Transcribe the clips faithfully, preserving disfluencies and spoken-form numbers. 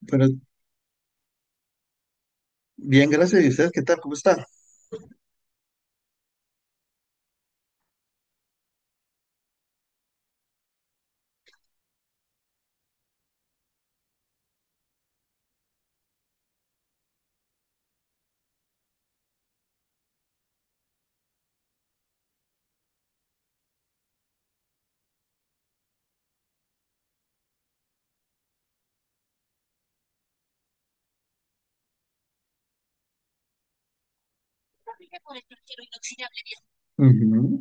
Bueno, bien, gracias. ¿Y ustedes qué tal? ¿Cómo está? Ujú.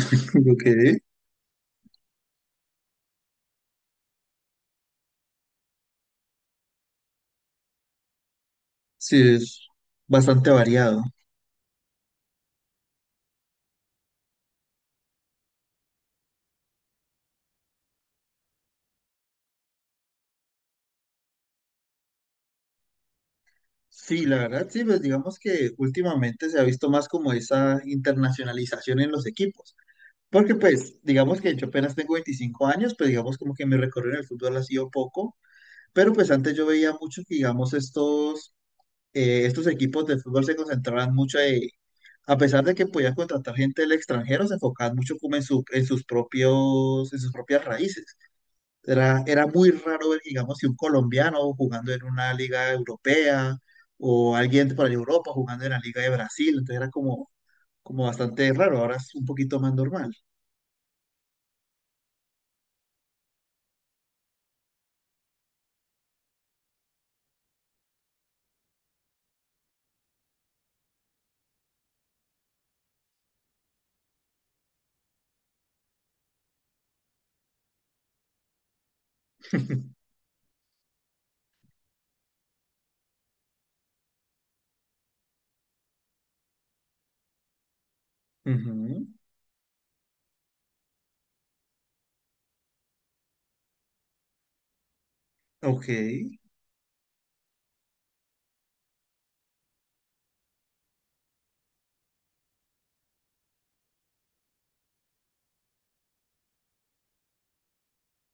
Ok, sí, es bastante variado. Sí, la verdad, sí, pues digamos que últimamente se ha visto más como esa internacionalización en los equipos. Porque pues, digamos que yo apenas tengo veinticinco años, pues digamos como que mi recorrido en el fútbol ha sido poco. Pero pues antes yo veía mucho que, digamos, estos, eh, estos equipos de fútbol se concentraban mucho en, a pesar de que podían contratar gente del extranjero, se enfocaban mucho como en su, en sus propios, en sus propias raíces. Era, era muy raro ver, digamos, si un colombiano jugando en una liga europea o alguien por ahí de Europa jugando en la liga de Brasil. Entonces era como, como bastante raro. Ahora es un poquito más normal. Ujú. Ok.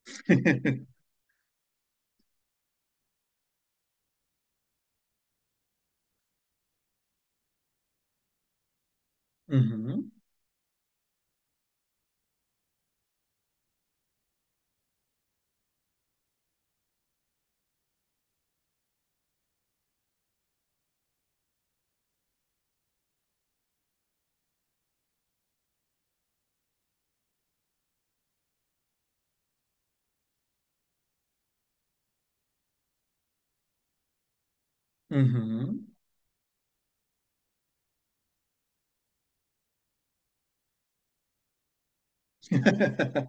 Ujú, ujú.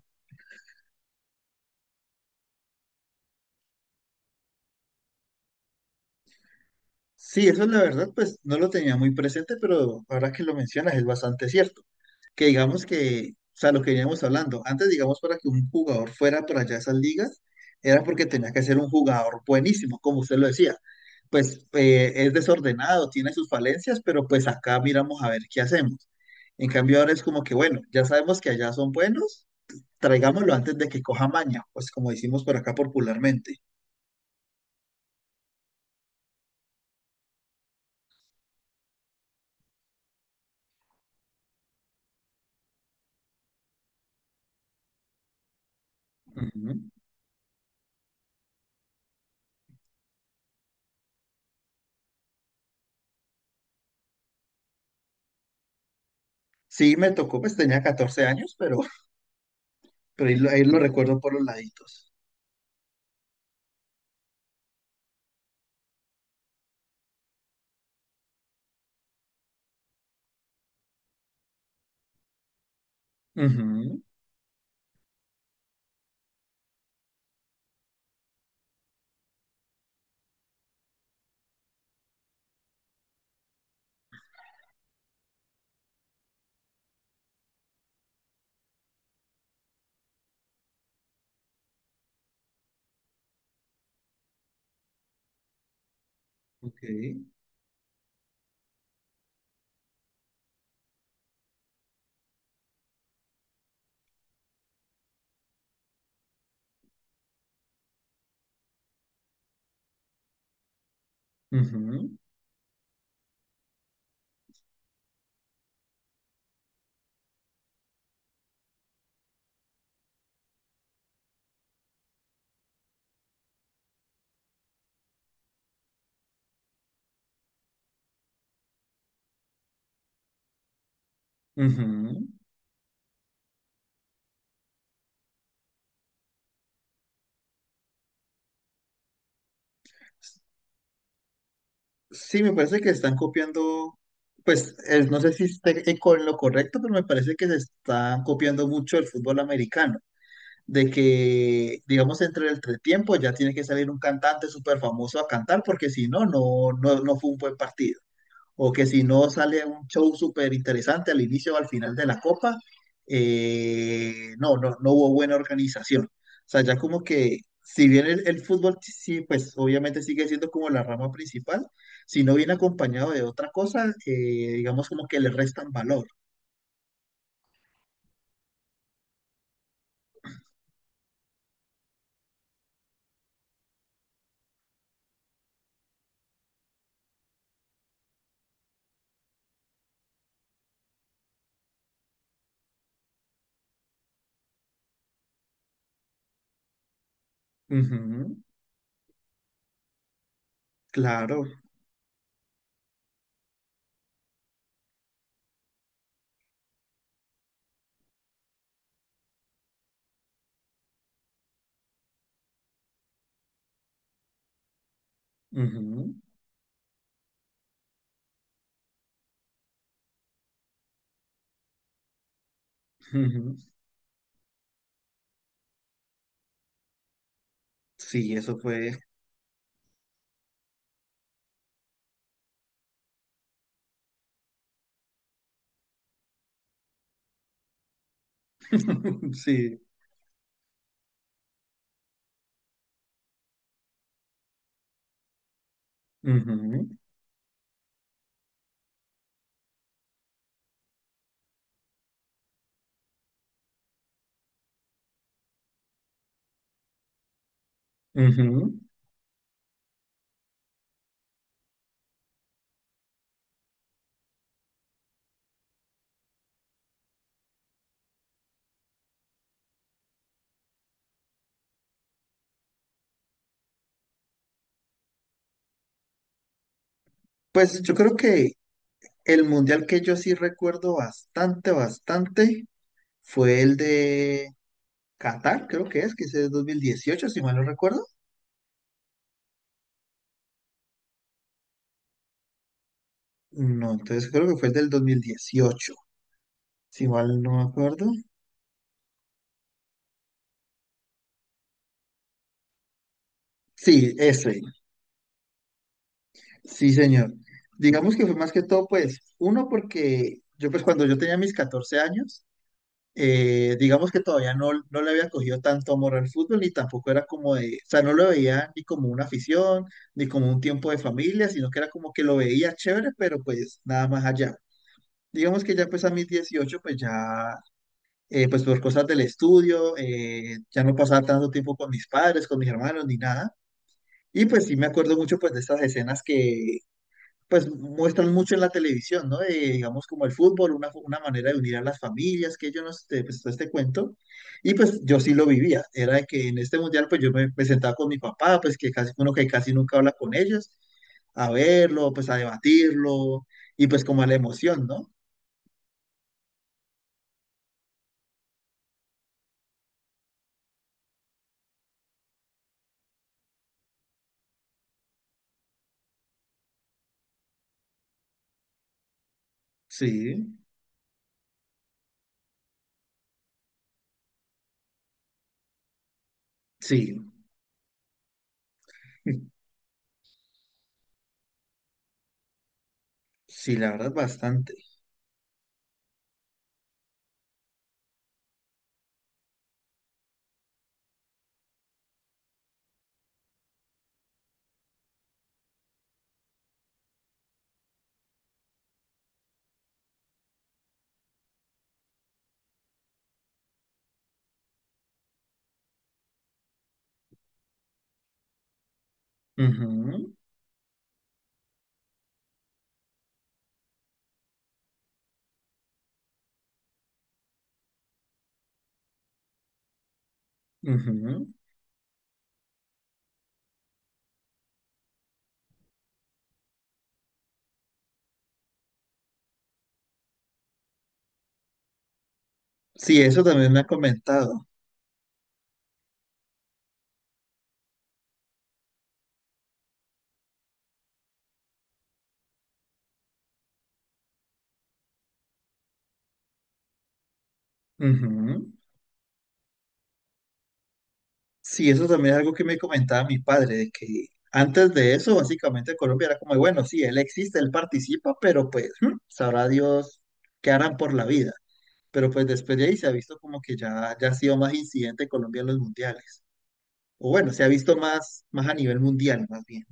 Sí, eso es la verdad, pues no lo tenía muy presente, pero ahora que lo mencionas es bastante cierto. Que digamos que, o sea, lo que veníamos hablando, antes digamos para que un jugador fuera para allá a esas ligas, era porque tenía que ser un jugador buenísimo, como usted lo decía. Pues eh, es desordenado, tiene sus falencias, pero pues acá miramos a ver qué hacemos. En cambio ahora es como que, bueno, ya sabemos que allá son buenos, traigámoslo antes de que coja maña, pues como decimos por acá popularmente. Ujú. Sí, me tocó, pues tenía catorce años. Pero Pero ahí, lo ahí lo recuerdo por los laditos. Ujú. Ok. Ujú, ujú. Sí, me parece que están copiando, pues eh, no sé si esté eh, con lo correcto, pero me parece que se está copiando mucho el fútbol americano, de que, digamos, entre el entretiempo ya tiene que salir un cantante súper famoso a cantar, porque si no, no, no, no fue un buen partido. O que si no sale un show súper interesante al inicio o al final de la copa, eh, no, no, no hubo buena organización. O sea, ya como que, si bien el, el fútbol sí, sí, pues obviamente sigue siendo como la rama principal, si no viene acompañado de otra cosa, eh, digamos como que le restan valor. Ujú, claro. Ujú, ujú. Sí, eso fue. Sí. Ujú, ujú. Pues yo creo que el mundial que yo sí recuerdo bastante, bastante fue el de Qatar, creo que es, que ese es dos mil dieciocho, si mal no recuerdo. No, entonces creo que fue el del dos mil dieciocho, si mal no me acuerdo. Sí, ese, sí, señor. Digamos que fue más que todo, pues, uno, porque yo, pues, cuando yo tenía mis catorce años, eh, digamos que todavía no, no le había cogido tanto amor al fútbol, ni tampoco era como de, o sea, no lo veía ni como una afición, ni como un tiempo de familia, sino que era como que lo veía chévere, pero pues nada más allá. Digamos que ya pues a mis dieciocho pues ya, eh, pues por cosas del estudio, eh, ya no pasaba tanto tiempo con mis padres, con mis hermanos, ni nada. Y pues sí me acuerdo mucho pues de estas escenas que pues muestran mucho en la televisión, ¿no? Eh, digamos como el fútbol, una, una manera de unir a las familias, que yo no sé, pues todo este cuento. Y pues yo sí lo vivía, era de que en este mundial pues yo me, me sentaba con mi papá, pues que casi uno que casi nunca habla con ellos, a verlo, pues a debatirlo, y pues como a la emoción, ¿no? Sí, sí, sí, la verdad bastante. Ujú, ujú. Sí, eso también me ha comentado. Ujú. Sí, eso también es algo que me comentaba mi padre, de que antes de eso, básicamente Colombia era como, bueno, sí, él existe, él participa, pero pues mm, sabrá Dios qué harán por la vida. Pero pues después de ahí se ha visto como que ya, ya ha sido más incidente Colombia en los mundiales. O bueno, se ha visto más, más a nivel mundial, más bien.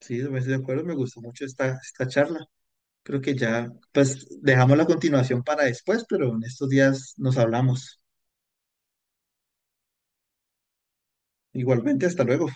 Sí, me estoy de acuerdo, me gustó mucho esta, esta charla. Creo que ya, pues dejamos la continuación para después, pero en estos días nos hablamos. Igualmente, hasta luego.